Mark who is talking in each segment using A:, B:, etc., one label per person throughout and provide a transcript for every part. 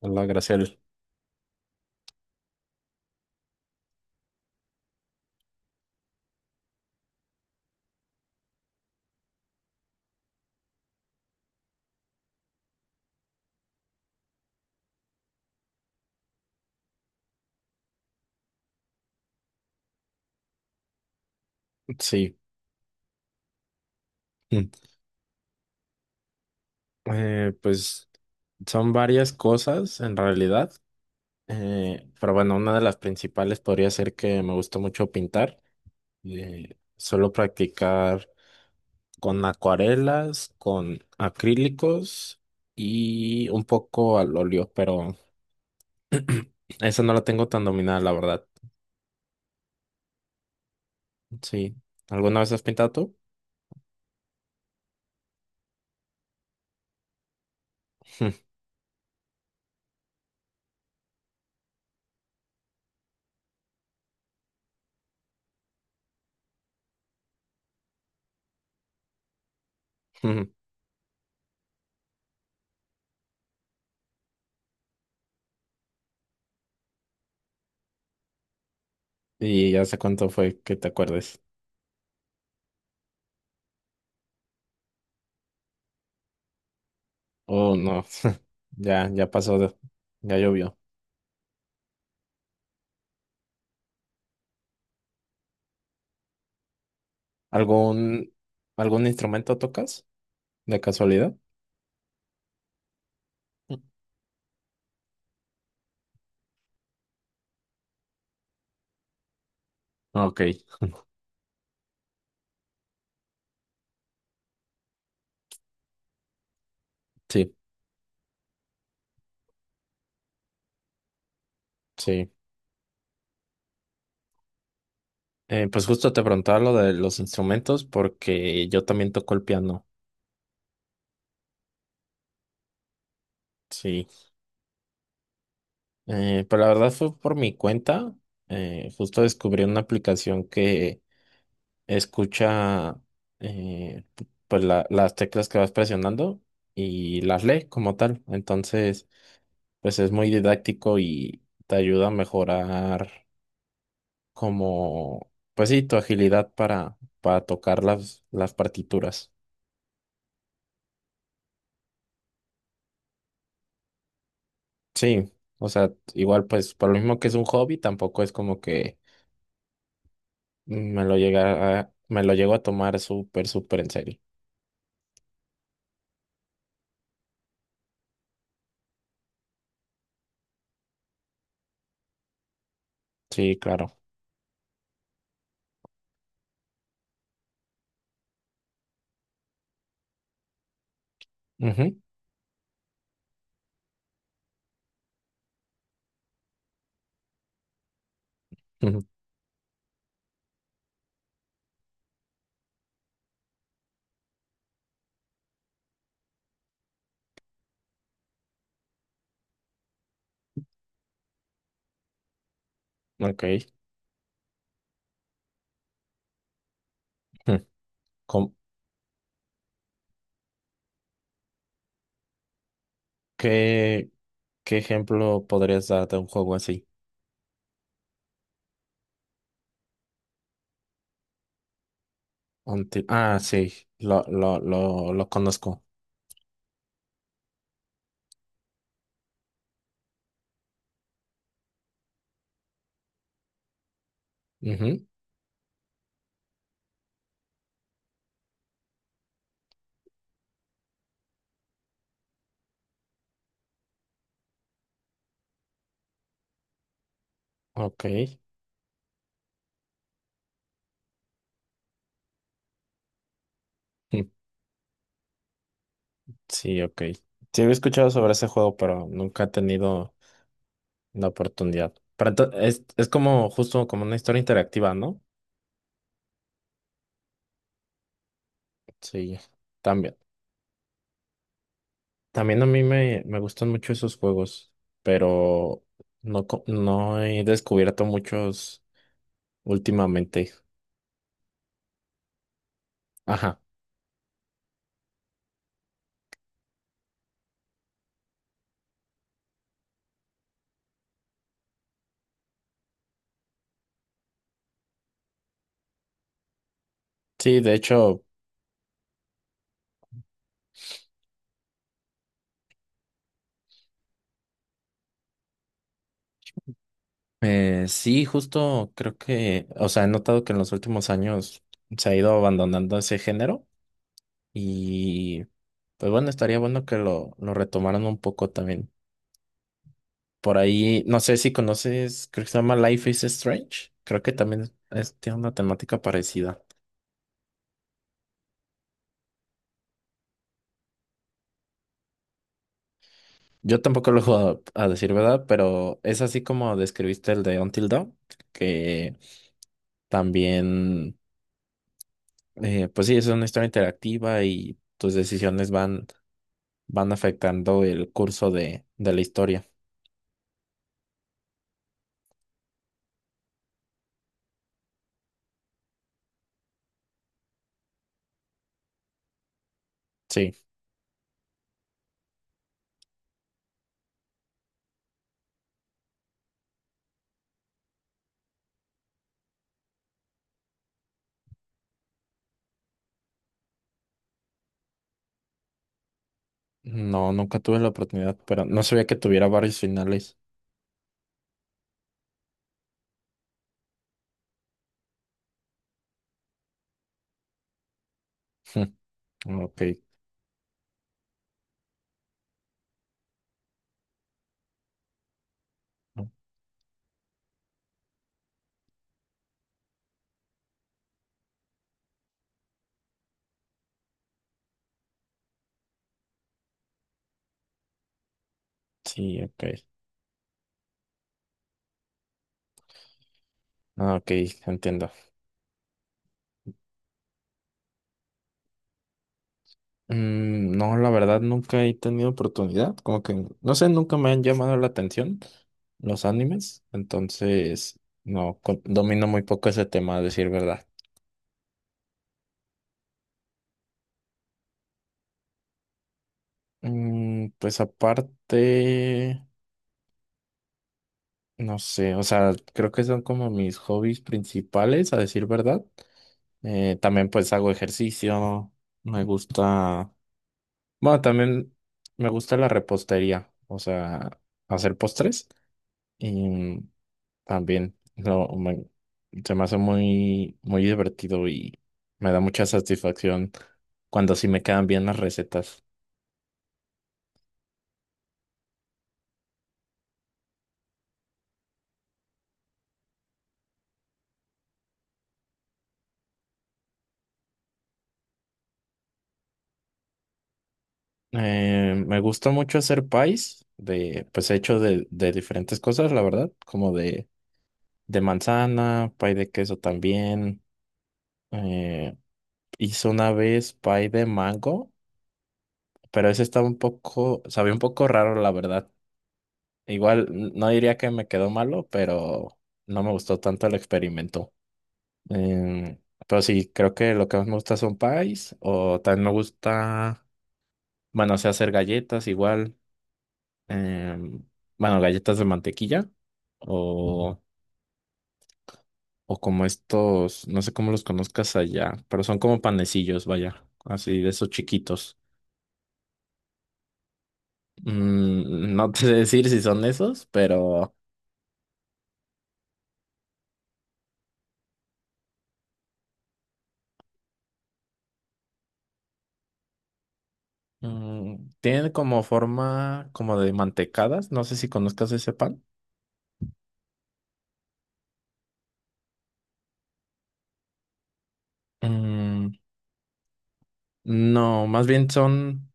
A: Hola, Graciel. Sí. Mm. Pues son varias cosas en realidad, pero bueno, una de las principales podría ser que me gusta mucho pintar. Suelo practicar con acuarelas, con acrílicos y un poco al óleo, pero esa no la tengo tan dominada, la verdad. Sí. ¿Alguna vez has pintado tú? ¿Y hace cuánto fue que te acuerdes? Oh, no. Ya, ya pasó, ya llovió. ¿Algún, algún instrumento tocas de casualidad? Ok, sí, sí. Pues justo te preguntaba lo de los instrumentos porque yo también toco el piano, sí. Pero la verdad fue por mi cuenta. Justo descubrí una aplicación que escucha, eh, pues las teclas que vas presionando y las lee como tal. Entonces pues es muy didáctico y te ayuda a mejorar como, pues sí, tu agilidad para tocar las partituras. Sí, o sea, igual pues por lo mismo que es un hobby, tampoco es como que me lo llego a tomar súper, súper en serio. Sí, claro. Ujú, ujú. Ok. Ujú. ¿Cómo- qué, qué ejemplo podrías dar de un juego así? Ah, sí, lo conozco. Ujú, ok. Sí, ok. Sí, había escuchado sobre ese juego, pero nunca he tenido la oportunidad. Pero es como justo como una historia interactiva, ¿no? Sí, también. También a mí me gustan mucho esos juegos, pero no, no he descubierto muchos últimamente. Ajá. Sí, de hecho, sí, justo creo que, o sea, he notado que en los últimos años se ha ido abandonando ese género. Y pues bueno, estaría bueno que lo retomaran un poco también. Por ahí, no sé si conoces, creo que se llama Life is Strange. Creo que también tiene una temática parecida. Yo tampoco lo he jugado, a decir verdad, pero es así como describiste el de Until Dawn, que también, pues sí, es una historia interactiva y tus decisiones van, van afectando el curso de la historia. Sí, no, nunca tuve la oportunidad, pero no sabía que tuviera varios finales. Ok, sí, ok. Ah, ok, entiendo. Mm, no, la verdad nunca he tenido oportunidad, como que, no sé, nunca me han llamado la atención los animes, entonces, no, domino muy poco ese tema, a decir verdad. Mm, pues aparte, no sé, o sea, creo que son como mis hobbies principales, a decir verdad. También pues hago ejercicio, me gusta. Bueno, también me gusta la repostería, o sea, hacer postres y también lo me- se me hace muy, muy divertido y me da mucha satisfacción cuando sí me quedan bien las recetas. Me gusta mucho hacer pies de, pues hecho de diferentes cosas, la verdad, como de manzana, pie de queso también. Eh, Hice una vez pie de mango, pero ese estaba un poco, sabía un poco raro, la verdad. Igual no diría que me quedó malo, pero no me gustó tanto el experimento. Em, pero sí, creo que lo que más me gusta son pies, o también me gusta, bueno, sé hacer galletas igual, em, bueno, galletas de mantequilla, o, o como estos, no sé cómo los conozcas allá, pero son como panecillos, vaya, así de esos chiquitos. Mm, no te sé decir si son esos, pero… Mm, tiene como forma como de mantecadas, no sé si conozcas ese pan. Mm, no, más bien son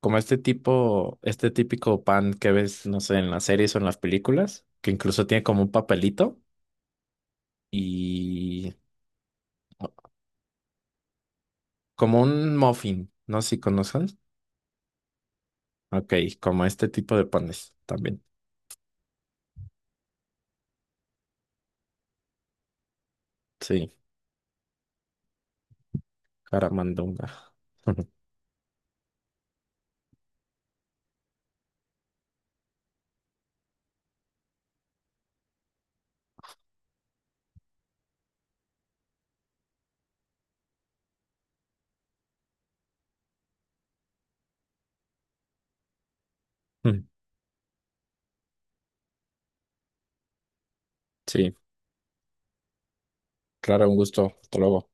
A: como este tipo, este típico pan que ves, no sé, en las series o en las películas, que incluso tiene como un papelito y como un muffin, no sé si conozcas. Ok, como este tipo de panes también. Sí, caramandonga. Sí, claro, un gusto. Hasta luego.